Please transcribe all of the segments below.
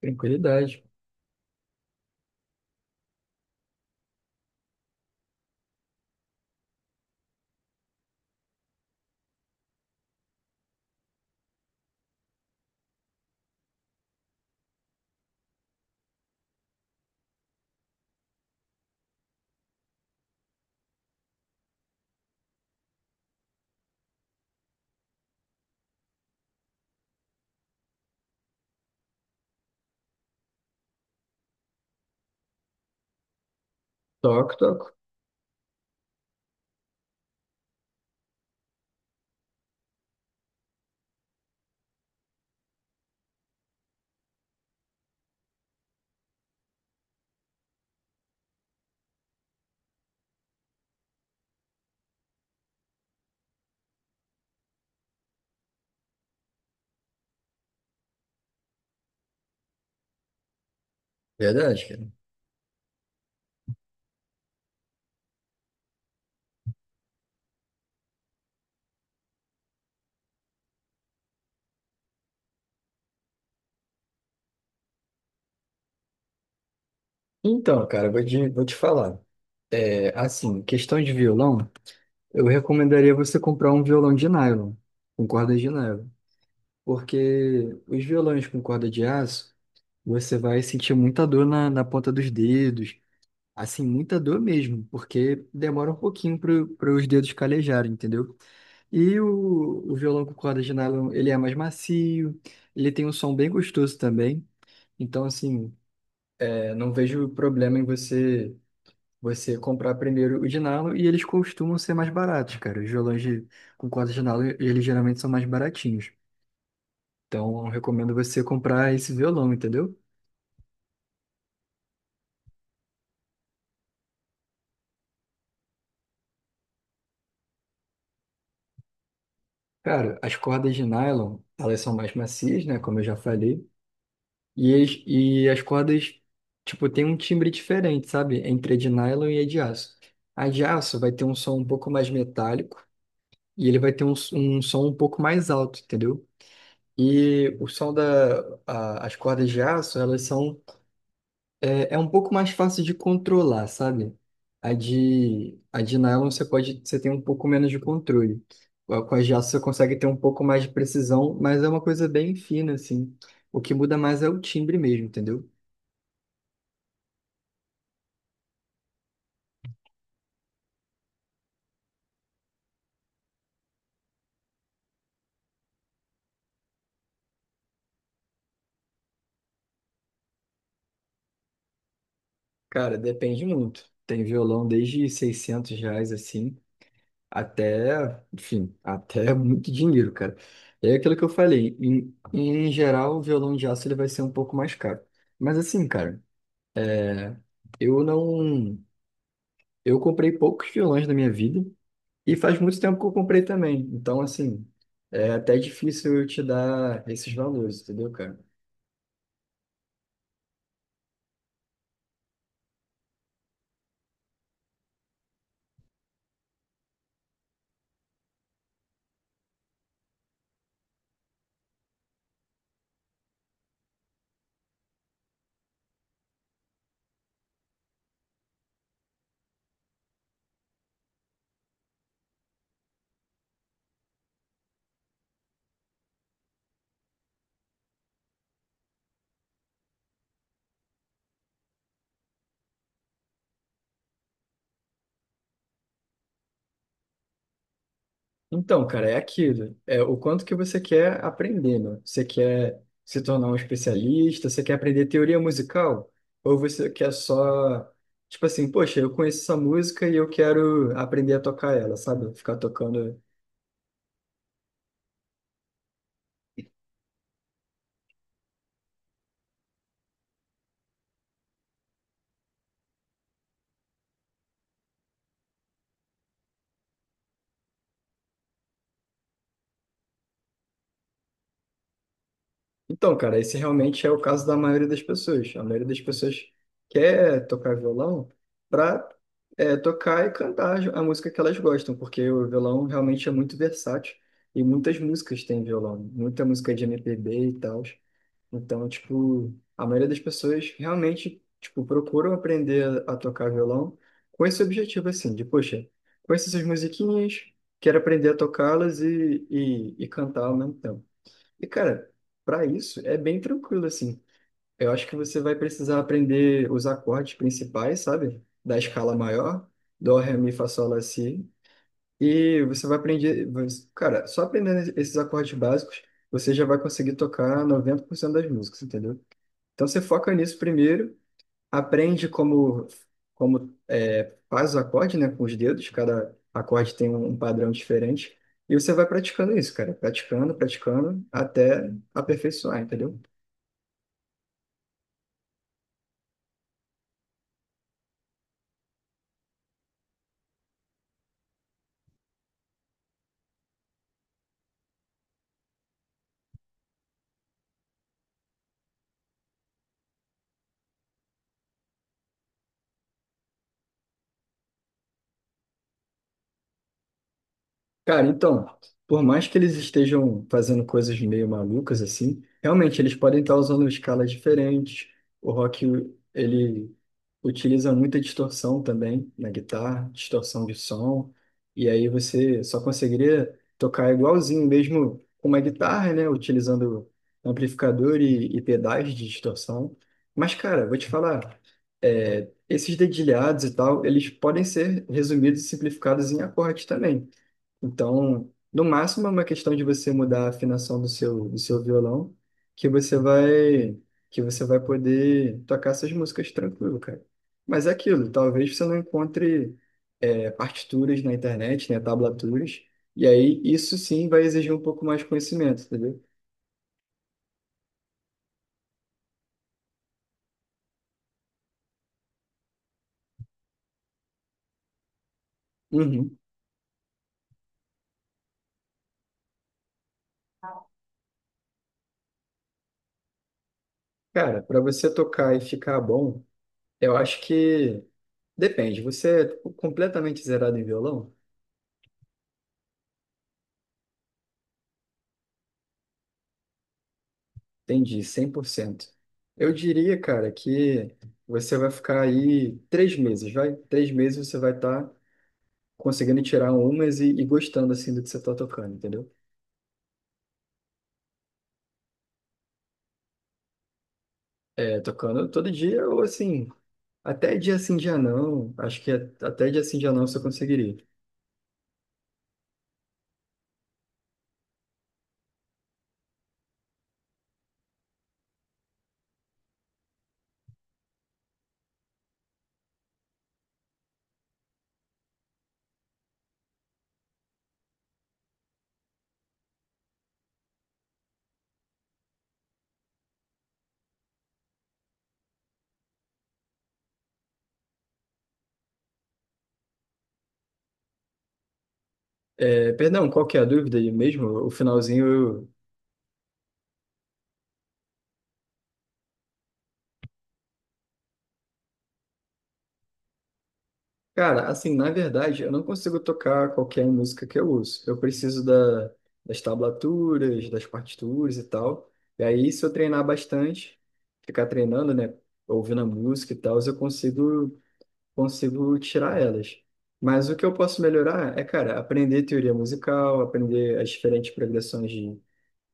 Tranquilidade. Toco, toco. Verdade, cara. Então, cara, vou te falar. É, assim, questão de violão, eu recomendaria você comprar um violão de nylon, com corda de nylon. Porque os violões com corda de aço, você vai sentir muita dor na ponta dos dedos. Assim, muita dor mesmo, porque demora um pouquinho para os dedos calejarem, entendeu? E o violão com corda de nylon, ele é mais macio, ele tem um som bem gostoso também. Então, assim. Eu não vejo problema em você comprar primeiro o Dinalo e eles costumam ser mais baratos, cara. Os violões de, com corda de Dinalo, eles geralmente são mais baratinhos. Então, eu recomendo você comprar esse violão, entendeu? Cara, as cordas de nylon, elas são mais macias, né? Como eu já falei. E as cordas, tipo, tem um timbre diferente, sabe? Entre a de nylon e a de aço. A de aço vai ter um som um pouco mais metálico e ele vai ter um som um pouco mais alto, entendeu? E o som da, as cordas de aço, elas são um pouco mais fácil de controlar, sabe? A de nylon você pode, você tem um pouco menos de controle. Com as de aço você consegue ter um pouco mais de precisão, mas é uma coisa bem fina, assim. O que muda mais é o timbre mesmo, entendeu? Cara, depende muito. Tem violão desde R$ 600, assim. Até, enfim, até muito dinheiro, cara. É aquilo que eu falei, em geral, o violão de aço ele vai ser um pouco mais caro. Mas assim, cara, né, eu não. Eu comprei poucos violões na minha vida e faz muito tempo que eu comprei também. Então, assim, é até difícil eu te dar esses valores, entendeu, cara? Então, cara, é aquilo. É o quanto que você quer aprender, né? Você quer se tornar um especialista, você quer aprender teoria musical, ou você quer só, tipo assim, poxa, eu conheço essa música e eu quero aprender a tocar ela, sabe? Ficar tocando. Então, cara, esse realmente é o caso da maioria das pessoas. A maioria das pessoas quer tocar violão para tocar e cantar a música que elas gostam, porque o violão realmente é muito versátil e muitas músicas têm violão, muita música de MPB e tal. Então, tipo, a maioria das pessoas realmente, tipo, procuram aprender a tocar violão com esse objetivo, assim, de, poxa, conheço essas musiquinhas, quero aprender a tocá-las e, e cantar ao mesmo tempo. E, cara, para isso é bem tranquilo, assim. Eu acho que você vai precisar aprender os acordes principais, sabe? Da escala maior, dó, ré, mi, fá, sol, lá, si. E você vai aprender. Cara, só aprendendo esses acordes básicos, você já vai conseguir tocar 90% das músicas, entendeu? Então você foca nisso primeiro, aprende como, como é, faz o acorde, né, com os dedos, cada acorde tem um padrão diferente, e você vai praticando isso, cara, praticando, praticando, até aperfeiçoar, entendeu? Cara, então, por mais que eles estejam fazendo coisas meio malucas assim, realmente eles podem estar usando escalas diferentes. O rock, ele utiliza muita distorção também na guitarra, distorção de som, e aí você só conseguiria tocar igualzinho mesmo com uma guitarra, né, utilizando amplificador e pedais de distorção. Mas, cara, vou te falar, é, esses dedilhados e tal, eles podem ser resumidos e simplificados em acordes também. Então, no máximo é uma questão de você mudar a afinação do seu violão, que você vai que você vai poder tocar essas músicas tranquilo, cara. Mas é aquilo, talvez você não encontre é, partituras na internet, né, tablaturas, e aí isso sim vai exigir um pouco mais de conhecimento, entendeu? Uhum. Cara, para você tocar e ficar bom, eu acho que depende. Você é completamente zerado em violão? Entendi, 100%. Eu diria, cara, que você vai ficar aí 3 meses, vai? 3 meses você vai estar conseguindo tirar umas e gostando, assim, do que você está tocando, entendeu? É, tocando todo dia ou, assim, até dia sim, dia não. Acho que até dia sim, dia não você conseguiria. É, perdão, qual que é a dúvida aí mesmo? O finalzinho. Cara, assim, na verdade, eu não consigo tocar qualquer música que eu uso. Eu preciso da, das tablaturas, das partituras e tal. E aí, se eu treinar bastante, ficar treinando, né, ouvindo a música e tal, eu consigo, consigo tirar elas. Mas o que eu posso melhorar é, cara, aprender teoria musical, aprender as diferentes progressões de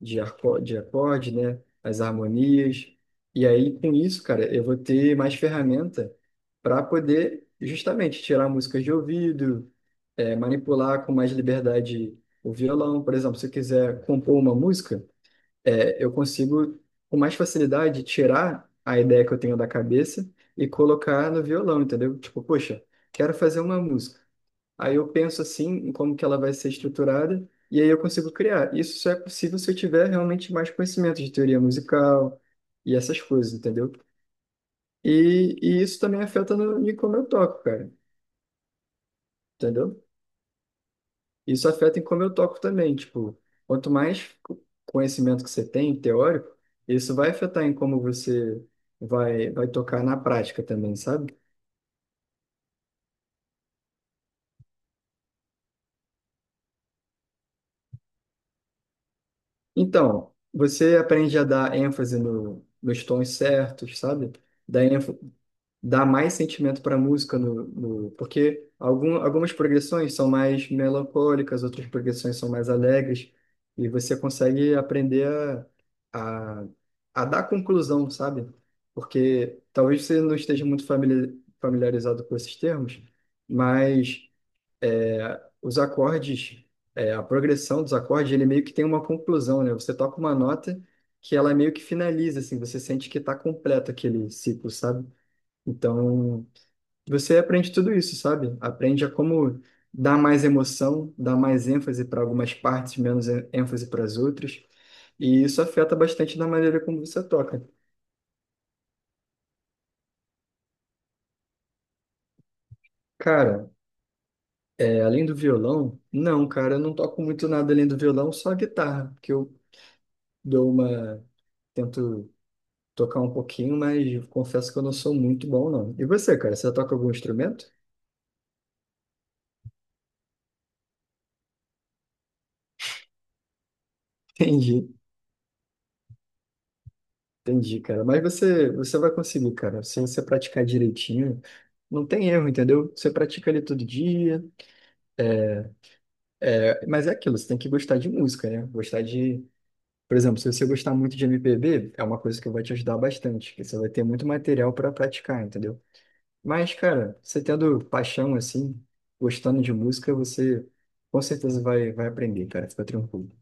de arco- de acorde, né? As harmonias. E aí, com isso, cara, eu vou ter mais ferramenta para poder justamente tirar músicas de ouvido, é, manipular com mais liberdade o violão. Por exemplo, se eu quiser compor uma música, é, eu consigo com mais facilidade tirar a ideia que eu tenho da cabeça e colocar no violão, entendeu? Tipo, poxa, quero fazer uma música. Aí eu penso assim, em como que ela vai ser estruturada, e aí eu consigo criar. Isso só é possível se eu tiver realmente mais conhecimento de teoria musical e essas coisas, entendeu? E isso também afeta no, em como eu toco, cara, entendeu? Isso afeta em como eu toco também, tipo, quanto mais conhecimento que você tem, teórico, isso vai afetar em como você vai tocar na prática também, sabe? Então, você aprende a dar ênfase no, nos tons certos, sabe? Dar dá mais sentimento para a música no, no porque algumas progressões são mais melancólicas, outras progressões são mais alegres e você consegue aprender a, a, a dar conclusão, sabe? Porque talvez você não esteja muito familiarizado com esses termos, mas é, os acordes, é, a progressão dos acordes, ele meio que tem uma conclusão, né? Você toca uma nota que ela meio que finaliza, assim, você sente que está completo aquele ciclo, sabe? Então, você aprende tudo isso, sabe? Aprende a como dar mais emoção, dar mais ênfase para algumas partes, menos ênfase para as outras. E isso afeta bastante na maneira como você toca. Cara, é, além do violão, não, cara, eu não toco muito nada além do violão, só a guitarra, que eu dou uma, tento tocar um pouquinho, mas confesso que eu não sou muito bom, não. E você, cara, você toca algum instrumento? Entendi. Entendi, cara. Mas você, você vai conseguir, cara. Se você praticar direitinho, não tem erro, entendeu? Você pratica ali todo dia. Mas é aquilo, você tem que gostar de música, né? Gostar de. Por exemplo, se você gostar muito de MPB, é uma coisa que vai te ajudar bastante, porque você vai ter muito material para praticar, entendeu? Mas, cara, você tendo paixão assim, gostando de música, você com certeza vai aprender, cara. Fica tranquilo.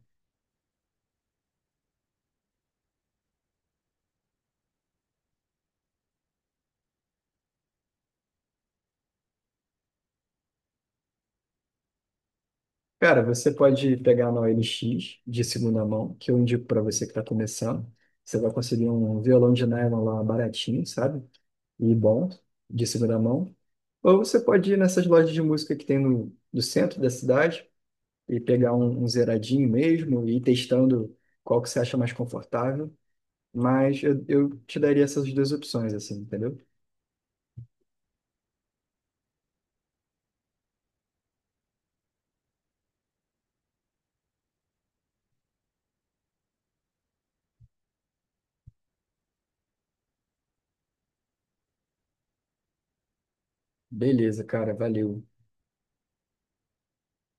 Cara, você pode pegar na OLX de segunda mão, que eu indico para você que está começando. Você vai conseguir um violão de nylon lá baratinho, sabe? E bom, de segunda mão. Ou você pode ir nessas lojas de música que tem no centro da cidade e pegar um zeradinho mesmo e ir testando qual que você acha mais confortável. Mas eu te daria essas duas opções, assim, entendeu? Beleza, cara, valeu.